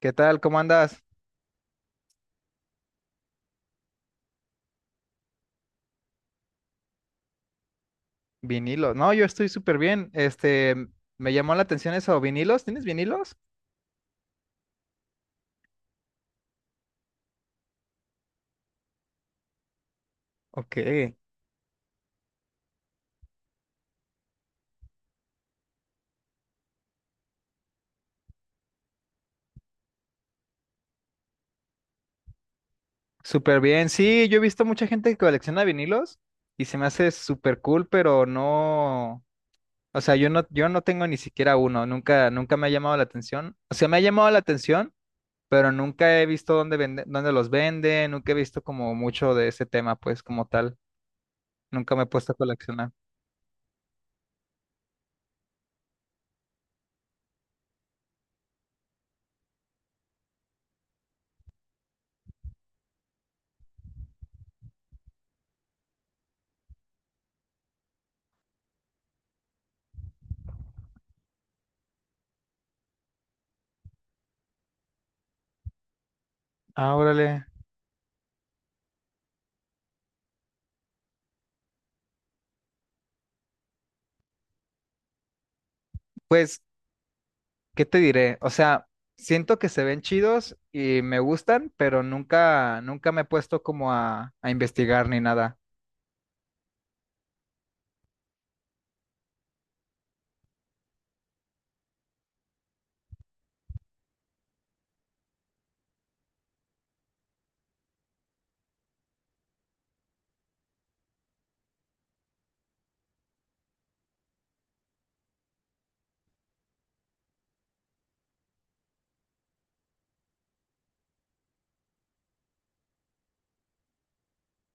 ¿Qué tal? ¿Cómo andas? Vinilos. No, yo estoy súper bien. Me llamó la atención eso. ¿Vinilos? ¿Tienes vinilos? Ok. Súper bien. Sí, yo he visto mucha gente que colecciona vinilos y se me hace súper cool, pero no. O sea, yo no tengo ni siquiera uno. Nunca me ha llamado la atención. O sea, me ha llamado la atención, pero nunca he visto dónde vende, dónde los venden. Nunca he visto como mucho de ese tema, pues, como tal. Nunca me he puesto a coleccionar. Ah, órale. Pues. ¿Qué te diré? O sea, siento que se ven chidos y me gustan, pero nunca me he puesto como a investigar ni nada.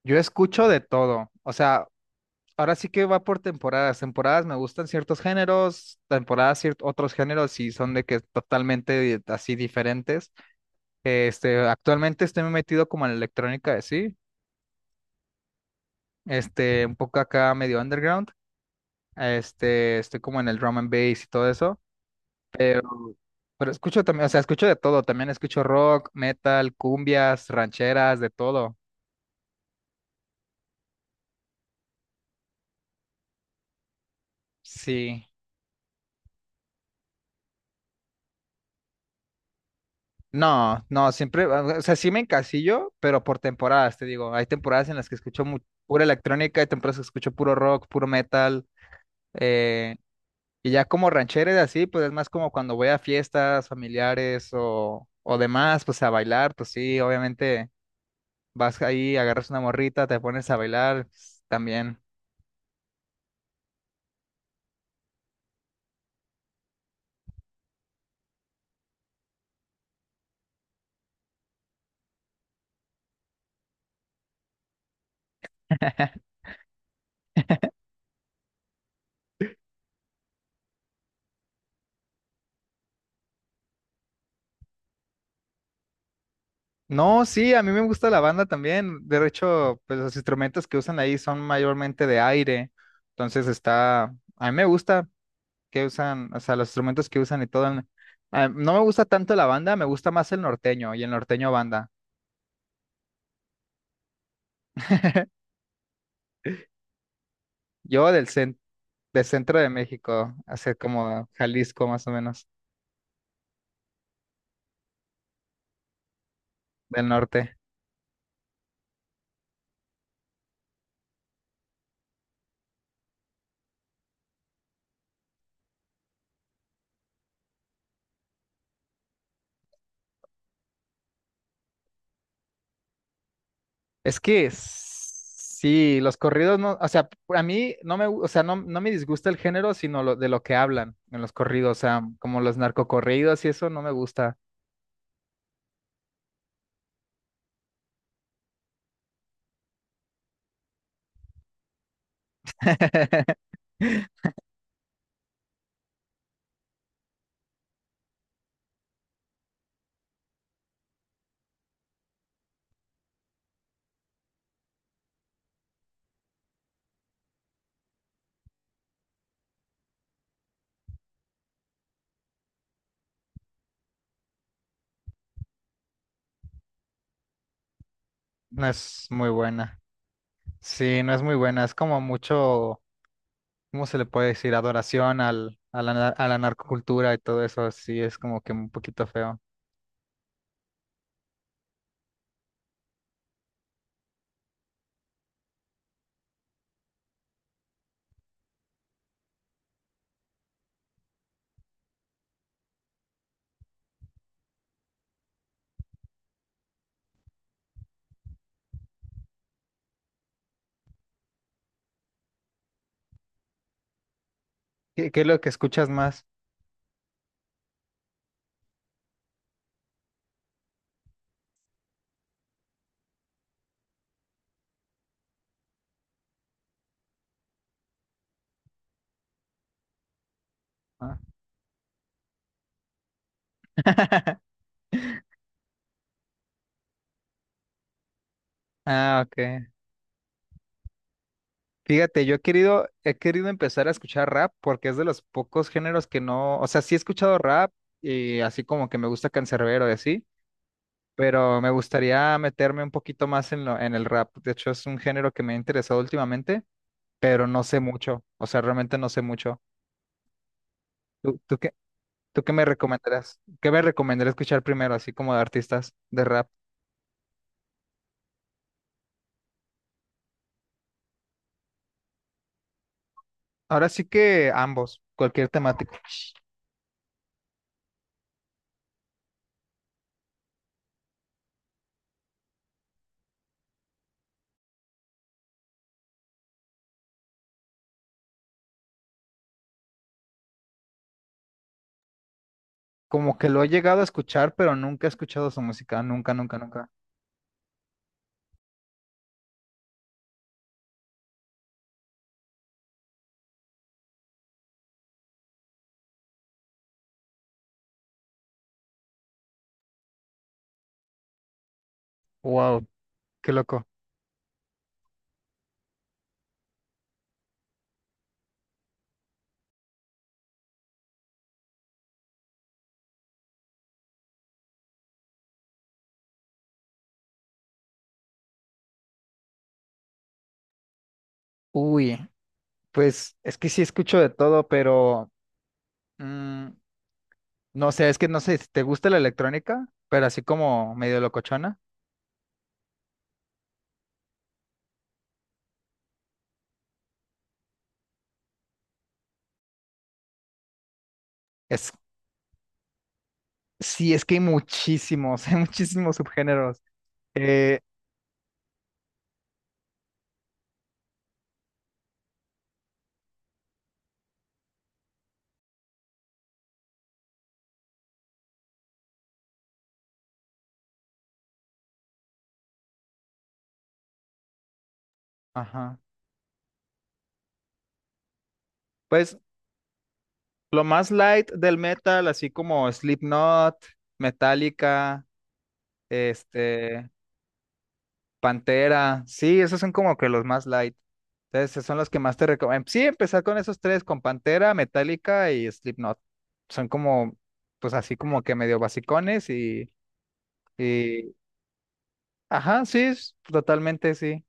Yo escucho de todo. O sea, ahora sí que va por temporadas. Temporadas me gustan ciertos géneros, temporadas otros géneros y son de que totalmente así diferentes. Actualmente estoy metido como en la electrónica de sí. Un poco acá medio underground. Estoy como en el drum and bass y todo eso. Pero, pero escucho también, o sea, escucho de todo, también escucho rock, metal, cumbias, rancheras, de todo. Sí. No, no, siempre, o sea, sí me encasillo, pero por temporadas, te digo, hay temporadas en las que escucho pura electrónica, hay temporadas que escucho puro rock, puro metal, eh, y ya como rancheras así, pues es más como cuando voy a fiestas familiares o demás, pues a bailar, pues sí, obviamente vas ahí, agarras una morrita, te pones a bailar, pues, también. No, sí, a mí me gusta la banda también. De hecho, pues los instrumentos que usan ahí son mayormente de aire. Entonces está, a mí me gusta que usan, o sea, los instrumentos que usan y todo. Ah, no me gusta tanto la banda, me gusta más el norteño y el norteño banda. Yo del cen- del centro de México, hacia como Jalisco más o menos, del norte. Es que sí, los corridos no, o sea, a mí no me, gu- o sea, no me disgusta el género, sino de lo que hablan en los corridos, o sea, como los narcocorridos y eso no me gusta. No es muy buena. Sí, no es muy buena. Es como mucho, ¿cómo se le puede decir? Adoración a la narcocultura y todo eso. Sí, es como que un poquito feo. ¿Qué, qué es lo que escuchas más? Ah, Ah, ok. Fíjate, he querido empezar a escuchar rap porque es de los pocos géneros que no, o sea, sí he escuchado rap y así como que me gusta Canserbero y así, pero me gustaría meterme un poquito más en en el rap. De hecho, es un género que me ha interesado últimamente, pero no sé mucho, o sea, realmente no sé mucho. ¿Tú, tú qué, ¿tú qué me recomendarás? ¿Qué me recomendarías escuchar primero, así como de artistas de rap? Ahora sí que ambos, cualquier temática. Como que lo he llegado a escuchar, pero nunca he escuchado su música, nunca, nunca, nunca. Wow. Qué loco. Uy, pues es que sí escucho de todo, pero mm, no sé, es que no sé si te gusta la electrónica, pero así como medio locochona. Es, sí, es que hay muchísimos, hay muchísimos subgéneros. Eh, ajá. Pues lo más light del metal, así como Slipknot, Metallica, este, Pantera, sí, esos son como que los más light. Entonces, esos son los que más te recomiendo. Sí, empezar con esos tres, con Pantera, Metallica y Slipknot. Son como, pues así como que medio basicones y... Ajá, sí, totalmente sí.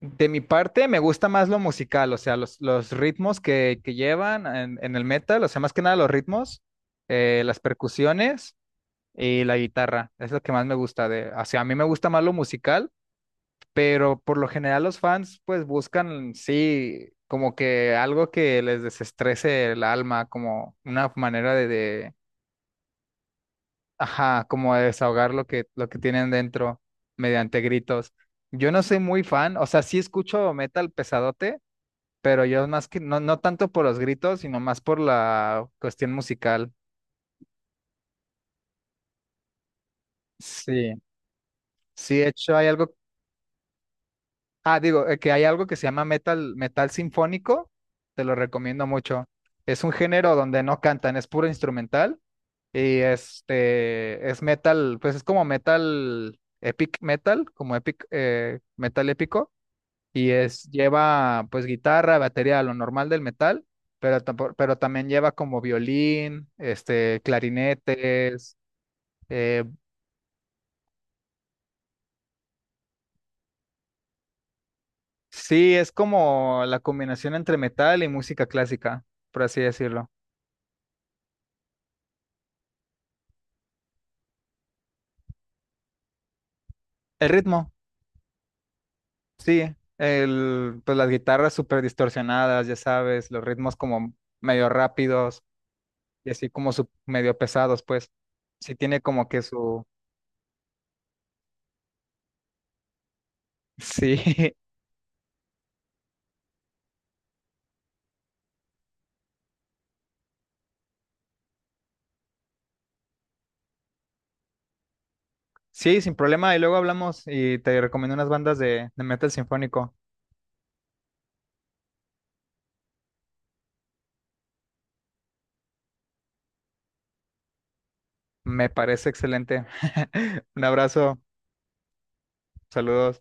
De mi parte, me gusta más lo musical, o sea, los ritmos que llevan en el metal, o sea, más que nada los ritmos, las percusiones y la guitarra. Es lo que más me gusta de, o sea, a mí me gusta más lo musical pero por lo general los fans pues buscan, sí, como que algo que les desestrese el alma, como una manera ajá, como de desahogar lo que tienen dentro mediante gritos. Yo no soy muy fan, o sea, sí escucho metal pesadote, pero yo más que, no, no tanto por los gritos, sino más por la cuestión musical. Sí, sí, de hecho hay algo. Ah, digo, que hay algo que se llama metal sinfónico, te lo recomiendo mucho. Es un género donde no cantan, es puro instrumental y este es metal, pues es como metal, epic metal, como epic, metal épico y es lleva pues guitarra, batería, lo normal del metal, pero también lleva como violín, clarinetes, eh, sí, es como la combinación entre metal y música clásica, por así decirlo. El ritmo. Sí, el, pues las guitarras súper distorsionadas, ya sabes, los ritmos como medio rápidos y así como medio pesados, pues sí tiene como que su... Sí, sí, sin problema. Y luego hablamos y te recomiendo unas bandas de metal sinfónico. Me parece excelente. Un abrazo, saludos.